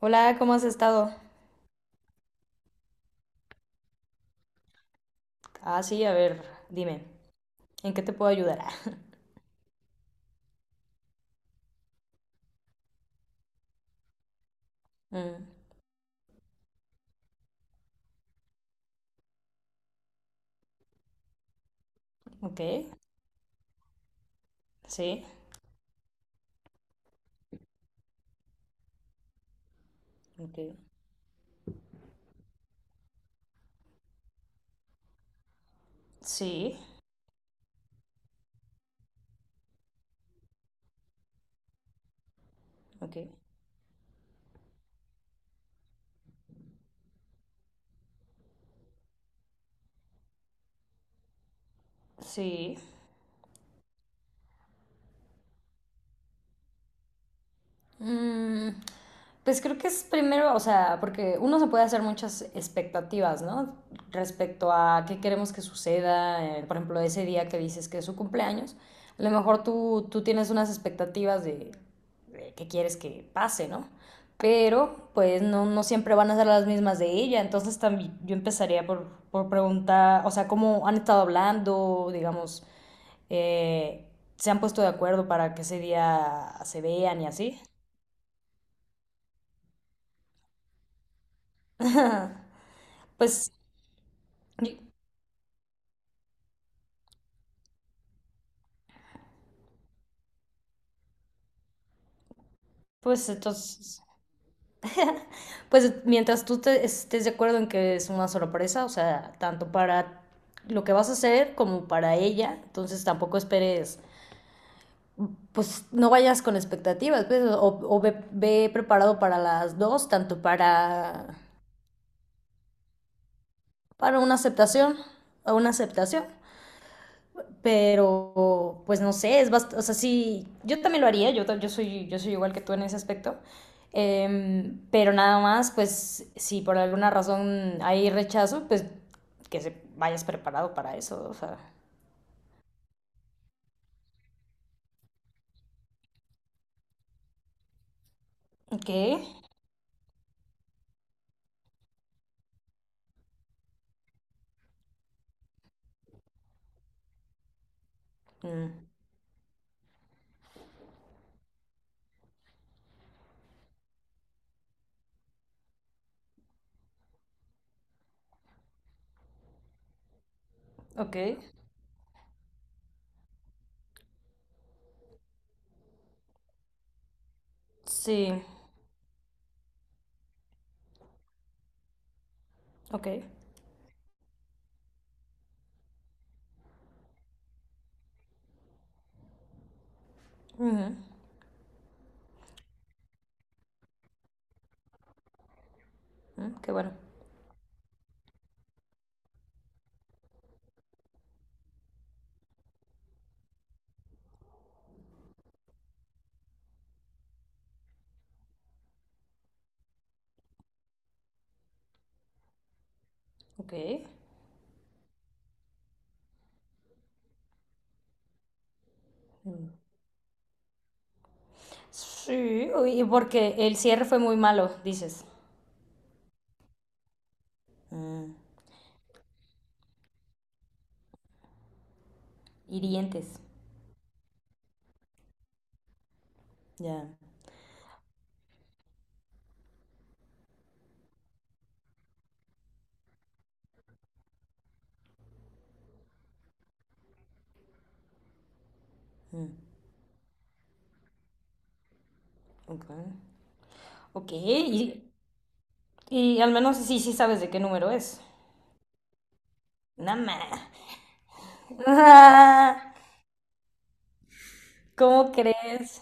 Hola, ¿cómo has estado? Ah, sí, a ver, dime, ¿en qué te puedo ayudar? Mm, ok. Sí, ok. Sí, ok. Sí. Mm, pues creo que es primero, o sea, porque uno se puede hacer muchas expectativas, ¿no? Respecto a qué queremos que suceda, por ejemplo, ese día que dices que es su cumpleaños, a lo mejor tú tienes unas expectativas de qué quieres que pase, ¿no? Pero pues no siempre van a ser las mismas de ella, entonces también yo empezaría por preguntar, o sea, cómo han estado hablando, digamos, eh, se han puesto de acuerdo para que ese día se vean y así. Pues, y- pues entonces, pues mientras tú estés de acuerdo en que es una sorpresa, o sea, tanto para lo que vas a hacer como para ella, entonces tampoco esperes, pues no vayas con expectativas, pues, o ve, ve preparado para las dos, tanto para una aceptación o una aceptación. Pero pues no sé, es bast o sea, sí, yo también lo haría, yo soy igual que tú en ese aspecto, pero nada más, pues si por alguna razón hay rechazo, pues que se vayas preparado para eso, o sea, ok. Mm, ok. Sí, ok. Ujú. Mm, qué bueno. Ok. Mm, sí, uy, porque el cierre fue muy malo, dices, mm, hirientes. Ya, ok, ok, y... Y al menos sí, sí sabes de qué número es. Nada. ¿Cómo crees?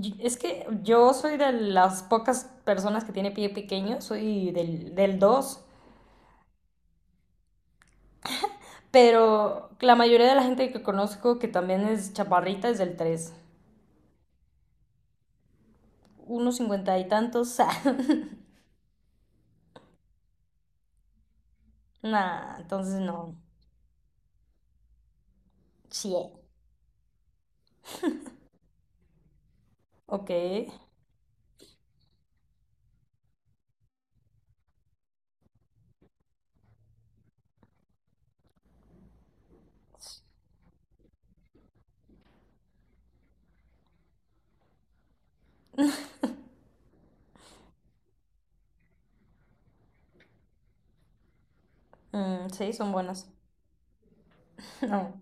Es que yo soy de las pocas personas que tiene pie pequeño, soy del 2. Pero la mayoría de la gente que conozco que también es chaparrita es del 3. Unos 50 y tantos. Ah. Nah, entonces no. Sí. Ok. Mm, sí, son buenas. No.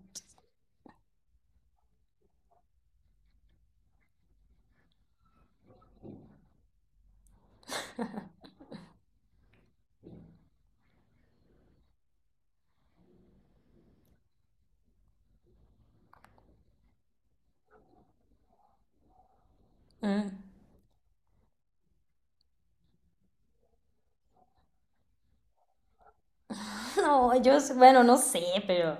Mm. No, yo, bueno, no sé, pero...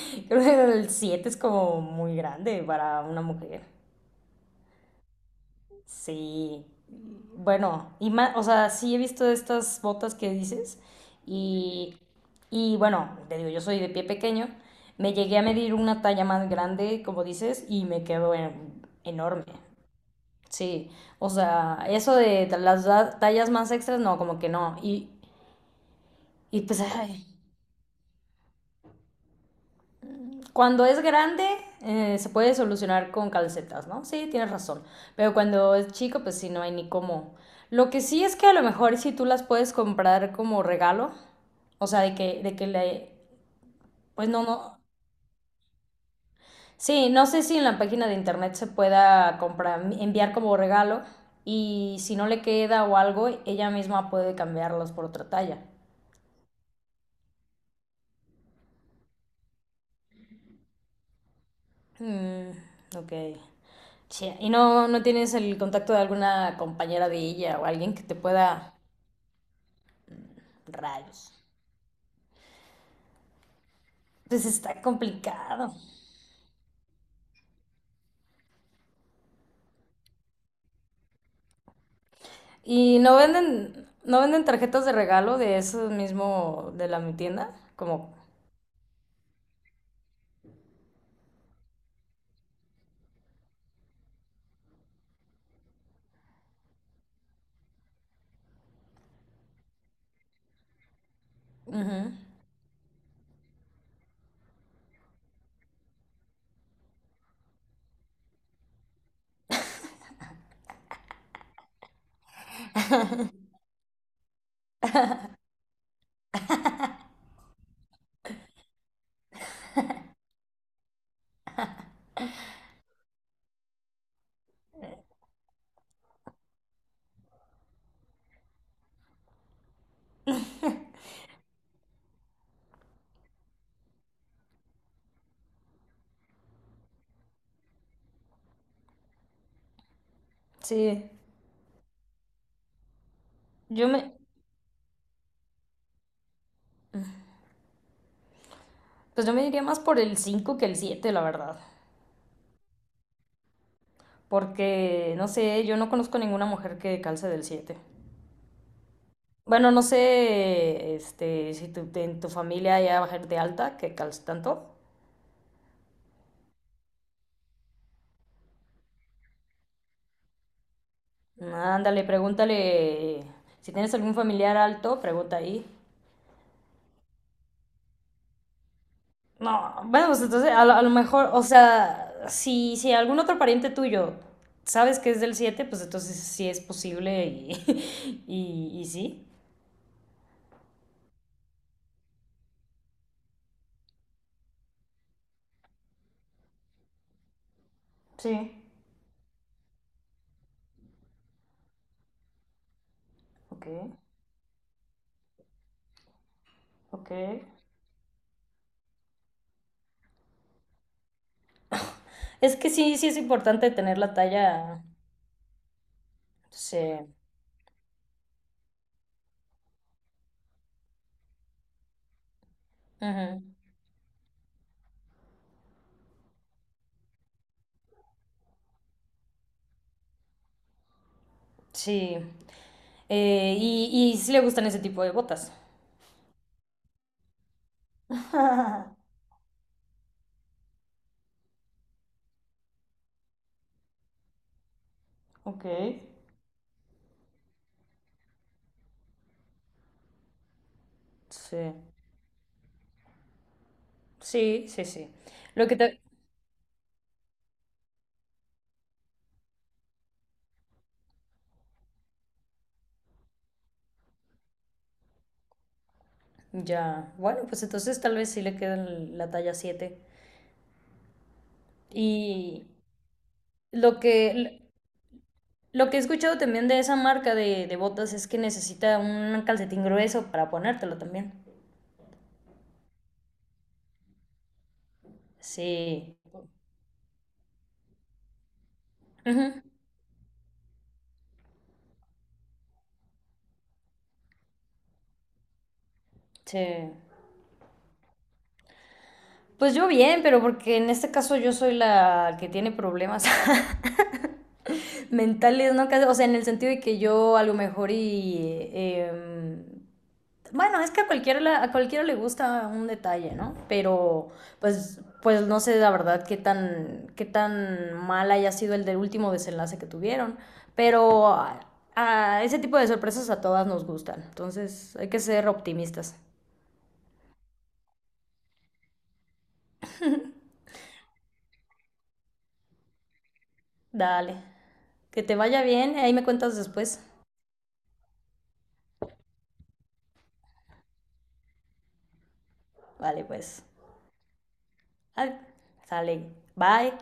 creo que el 7 es como muy grande para una mujer. Sí. Bueno, y más, o sea, sí he visto estas botas que dices y, y bueno, te digo, yo soy de pie pequeño, me llegué a medir una talla más grande, como dices, y me quedo enorme. Sí, o sea, eso de las tallas más extras, no, como que no. Y pues, ay, cuando es grande, se puede solucionar con calcetas, ¿no? Sí, tienes razón. Pero cuando es chico, pues sí, no hay ni cómo. Lo que sí es que a lo mejor si tú las puedes comprar como regalo, o sea, de que le... Pues no, no. Sí, no sé si en la página de internet se pueda comprar, enviar como regalo y si no le queda o algo, ella misma puede cambiarlos por otra talla. Mm, ok. Che, ¿Y no tienes el contacto de alguna compañera de ella o alguien que te pueda rayos. Pues está complicado. ¿Y no venden tarjetas de regalo de eso mismo de la mi tienda? Como, ujú, sí. Yo me, pues yo me diría más por el 5 que el 7, la verdad. Porque, no sé, yo no conozco ninguna mujer que calce del 7. Bueno, no sé, este, si en tu familia hay mujer de alta que calce tanto. Ándale, pregúntale. Si tienes algún familiar alto, pregunta ahí. No, bueno, pues entonces a lo mejor, o sea, si algún otro pariente tuyo sabes que es del 7 pues entonces sí es posible y, y sí. Sí, ok, ok. Es que sí, sí es importante tener la talla. Sí, ujú, sí. Y sí le gustan ese tipo de botas. Ok, sí. Sí, sí, sí. Lo que te... Ya, bueno, pues entonces tal vez sí le queda la talla 7. Y lo que, lo que he escuchado también de esa marca de botas es que necesita un calcetín grueso para ponértelo también. Sí. Ujú, sí. Pues yo bien, pero porque en este caso yo soy la que tiene problemas mentales, ¿no? Casi- o sea, en el sentido de que yo a lo mejor y em, bueno, es que a cualquiera le gusta un detalle, ¿no? Pero pues, pues no sé la verdad qué tan mal haya sido el del último desenlace que tuvieron. Pero a ese tipo de sorpresas a todas nos gustan. Entonces hay que ser optimistas. Dale. Que te vaya bien. Ahí me cuentas después. Vale, pues. Ay, sale. Bye.